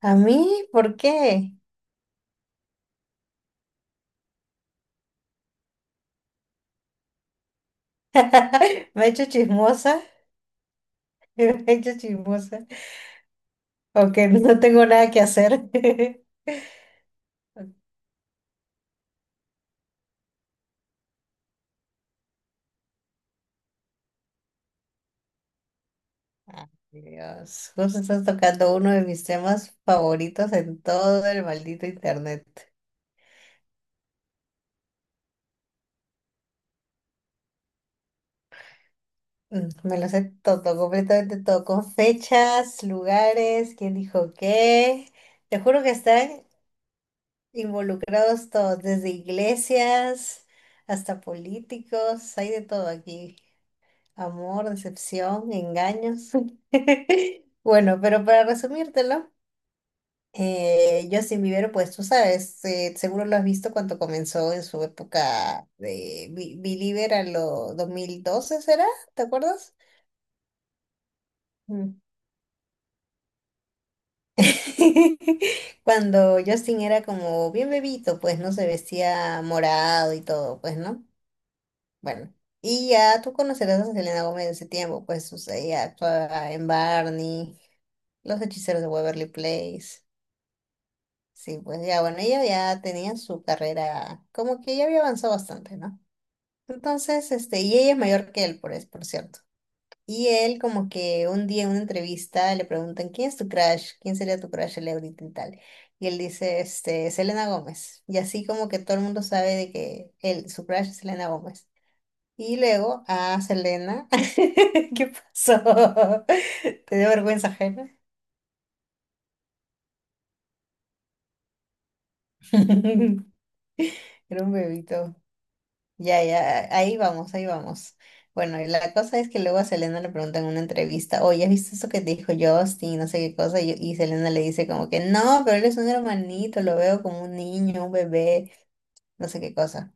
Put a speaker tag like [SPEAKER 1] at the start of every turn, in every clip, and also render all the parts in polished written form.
[SPEAKER 1] ¿A mí? ¿Por qué? ¿Me he hecho chismosa? ¿Me he hecho chismosa? Aunque no tengo nada que hacer. Dios, justo estás tocando uno de mis temas favoritos en todo el maldito internet. Me lo sé todo, completamente todo, con fechas, lugares, quién dijo qué. Te juro que están involucrados todos, desde iglesias hasta políticos, hay de todo aquí. Amor, decepción, engaños. Bueno, pero para resumírtelo, Justin Bieber, pues tú sabes, seguro lo has visto cuando comenzó en su época de Belieber a lo 2012, ¿será? ¿Te acuerdas? Mm. Cuando Justin era como bien bebito, pues no se vestía morado y todo, pues, ¿no? Bueno, y ya tú conocerás a Selena Gómez de ese tiempo, pues o sea, ella actuaba en Barney, Los Hechiceros de Waverly Place. Sí, pues ya, bueno, ella ya tenía su carrera, como que ya había avanzado bastante, ¿no? Entonces, este, y ella es mayor que él, por, por cierto. Y él como que un día en una entrevista le preguntan, ¿quién es tu crush? ¿Quién sería tu crush el ahorita y tal? Y él dice, este, Selena Gómez. Y así como que todo el mundo sabe de que él, su crush es Selena Gómez. Y luego a Selena. ¿Qué pasó? ¿Te dio vergüenza ajena? Era un bebito. Ya, ya, ahí vamos, ahí vamos. Bueno, y la cosa es que luego a Selena le preguntan en una entrevista, oye, ¿has visto eso que te dijo Justin? No sé qué cosa. Y Selena le dice como que, no, pero él es un hermanito, lo veo como un niño, un bebé, no sé qué cosa.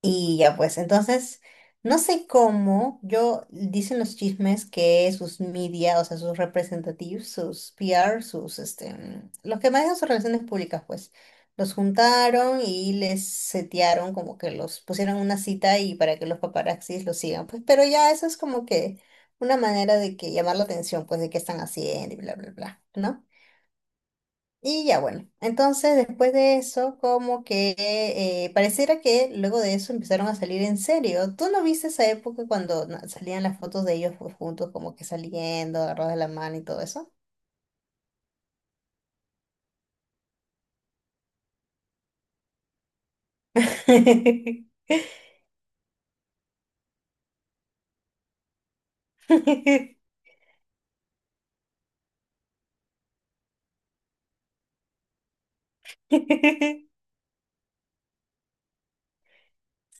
[SPEAKER 1] Y ya pues, entonces, no sé cómo, yo dicen los chismes que sus media, o sea, sus representativos, sus PR, sus, este, los que manejan sus relaciones públicas, pues, los juntaron y les setearon, como que los pusieron una cita y para que los paparazzis los sigan, pues, pero ya eso es como que una manera de que llamar la atención, pues, de qué están haciendo y bla, bla, bla, ¿no? Y ya bueno, entonces después de eso, como que pareciera que luego de eso empezaron a salir en serio. ¿Tú no viste esa época cuando salían las fotos de ellos, pues, juntos, como que saliendo, agarrados de la mano y todo eso?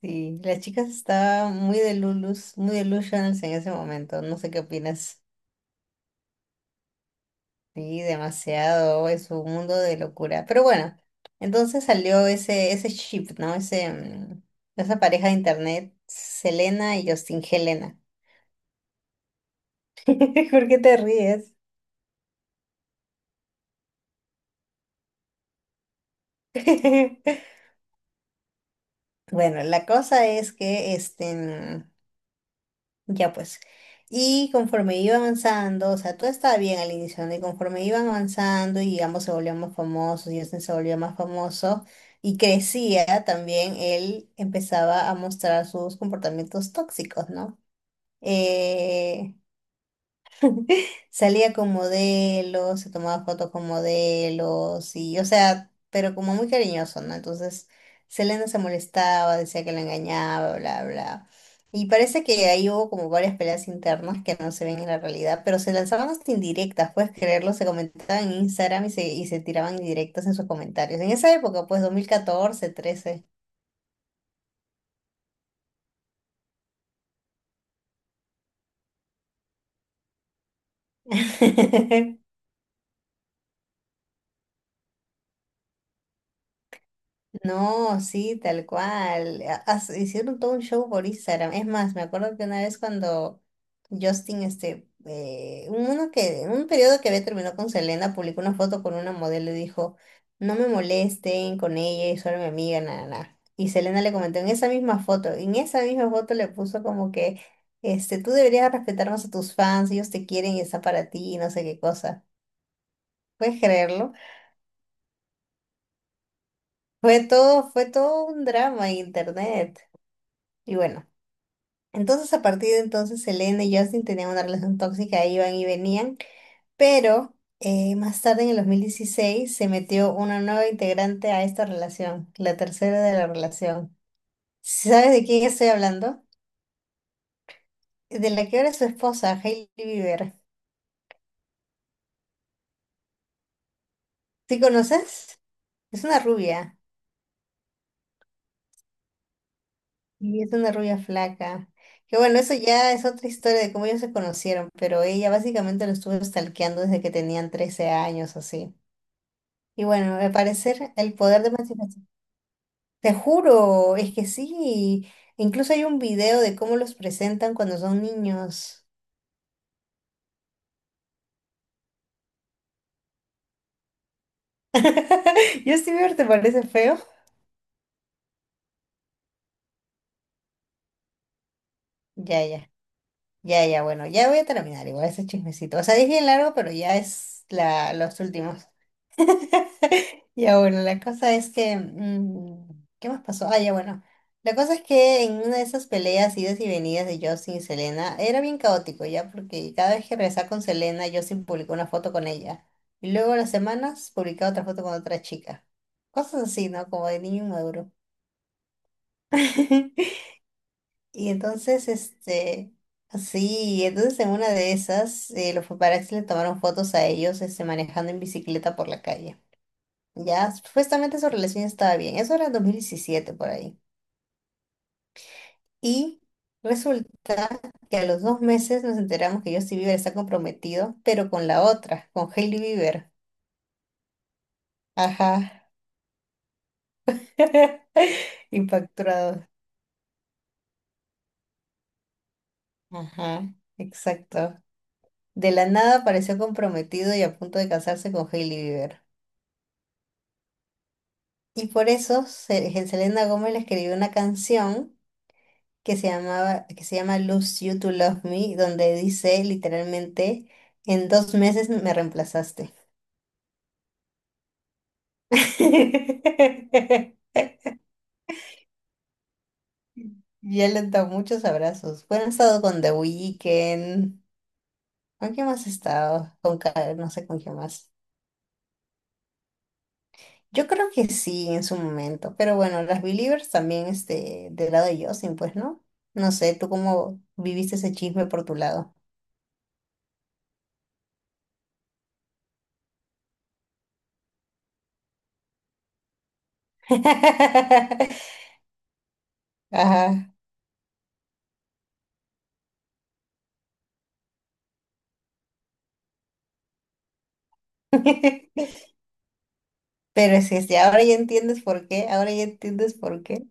[SPEAKER 1] Sí, las chicas estaban muy delulus, muy delusionals en ese momento. No sé qué opinas. Sí, demasiado, es un mundo de locura. Pero bueno, entonces salió ese ship, ¿no? Ese, esa pareja de internet, Selena y Justin, Helena. ¿Por qué te ríes? Bueno, la cosa es que este, ya pues. Y conforme iba avanzando, o sea, todo estaba bien al inicio, ¿no? Y conforme iban avanzando y ambos se volvían más famosos, y Justin se volvió más famoso y crecía también, él empezaba a mostrar sus comportamientos tóxicos, ¿no? Eh, Salía con modelos, se tomaba fotos con modelos y, o sea, pero como muy cariñoso, ¿no? Entonces, Selena se molestaba, decía que la engañaba, bla, bla. Y parece que ahí hubo como varias peleas internas que no se ven en la realidad, pero se lanzaban hasta indirectas, puedes creerlo, se comentaban en Instagram y se tiraban indirectas en sus comentarios. En esa época, pues 2014, trece. No, sí, tal cual. Hicieron todo un show por Instagram. Es más, me acuerdo que una vez cuando Justin, este, un periodo que había terminado con Selena, publicó una foto con una modelo y dijo, no me molesten con ella, es solo mi amiga, nada, nada. Y Selena le comentó en esa misma foto, en esa misma foto le puso como que, este, tú deberías respetar más a tus fans, ellos te quieren y están para ti, y no sé qué cosa. ¿Puedes creerlo? Fue todo un drama en internet. Y bueno. Entonces, a partir de entonces, Selena y Justin tenían una relación tóxica, iban y venían, pero más tarde, en el 2016 se metió una nueva integrante a esta relación, la tercera de la relación. ¿Sí? ¿Sabes de quién estoy hablando? De la que ahora es su esposa, Hailey Bieber. ¿Sí conoces? Es una rubia, y es una rubia flaca. Que bueno, eso ya es otra historia de cómo ellos se conocieron, pero ella básicamente lo estuvo stalkeando desde que tenían 13 años, así. Y bueno, al parecer el poder de... Te juro, es que sí. Incluso hay un video de cómo los presentan cuando son niños. Justin Bieber, ¿te parece feo? Ya, ya, ya, ya, bueno, ya voy a terminar igual ese chismecito. O sea, es bien largo, pero ya es los últimos. Ya bueno, la cosa es que¿qué más pasó? Ah, ya bueno. La cosa es que en una de esas peleas, idas y venidas de Justin y Selena, era bien caótico ya, porque cada vez que regresaba con Selena, Justin publicó una foto con ella. Y luego a las semanas publicaba otra foto con otra chica. Cosas así, ¿no? Como de niño inmaduro. Y entonces, este, sí, entonces en una de esas, los paparazzi le tomaron fotos a ellos, este, manejando en bicicleta por la calle. Ya, supuestamente su relación estaba bien. Eso era en 2017 por ahí. Y resulta que a los 2 meses nos enteramos que Justin Bieber está comprometido, pero con la otra, con Hailey Bieber. Ajá. Impactado. Ajá, exacto. De la nada apareció comprometido y a punto de casarse con Hailey Bieber. Y por eso Selena Gómez le escribió una canción que se llamaba, que se llama Lose You to Love Me, donde dice literalmente, en 2 meses me reemplazaste. Y él le da muchos abrazos. Bueno, he estado con The Weeknd. ¿Con quién más he estado? No sé con quién más. Yo creo que sí, en su momento. Pero bueno, las Believers también, este, del lado de Justin, pues, ¿no? No sé, ¿tú cómo viviste ese chisme por tu lado? Ajá. Pero es que si ahora ya entiendes por qué, ahora ya entiendes por qué.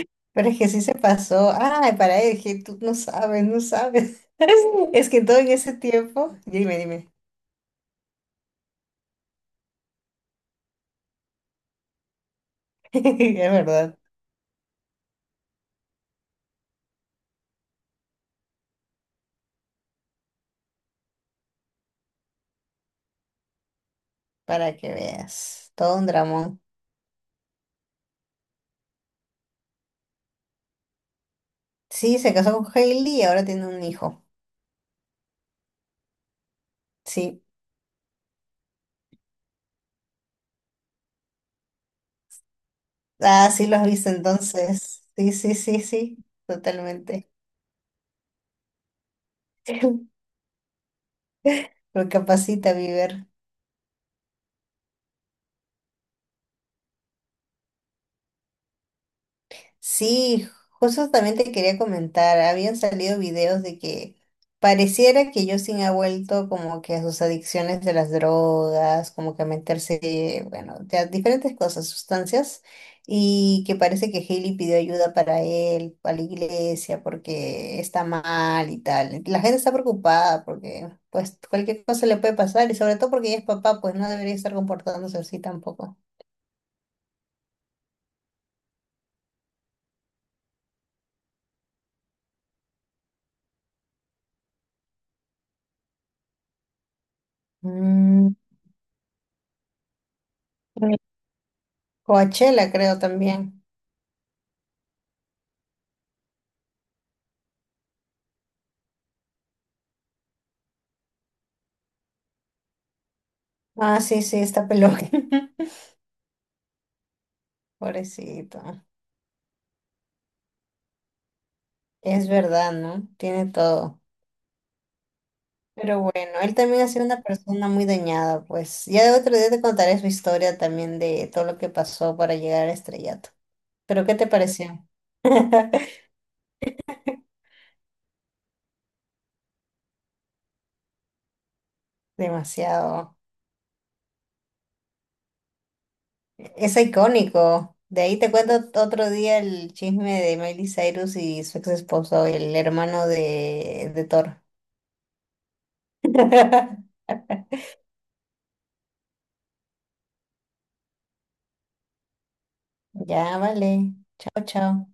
[SPEAKER 1] Pero es que sí se pasó. Ay, para él, que tú no sabes, no sabes. Es que todo en ese tiempo, dime, dime. Es verdad, para que veas. Todo un dramón. Sí, se casó con Hailey y ahora tiene un hijo. Sí. Ah, sí lo has visto entonces. Sí, sí, sí, sí. Totalmente. Recapacita, Bieber. Sí, justo también te quería comentar, habían salido videos de que pareciera que Justin ha vuelto como que a sus adicciones de las drogas, como que a meterse, bueno, de a diferentes cosas, sustancias, y que parece que Hailey pidió ayuda para él, para la iglesia, porque está mal y tal. La gente está preocupada porque pues cualquier cosa le puede pasar, y sobre todo porque ella es papá, pues no debería estar comportándose así tampoco. Mm, Coachella, creo también. Ah, sí, sí, está peludo. Pobrecito. Es verdad, ¿no? Tiene todo. Pero bueno, él también ha sido una persona muy dañada, pues. Ya de otro día te contaré su historia también de todo lo que pasó para llegar al estrellato. Pero ¿qué te pareció? Demasiado. Es icónico. De ahí te cuento otro día el chisme de Miley Cyrus y su ex esposo, el hermano de, Thor. Ya, vale. Chao, chao.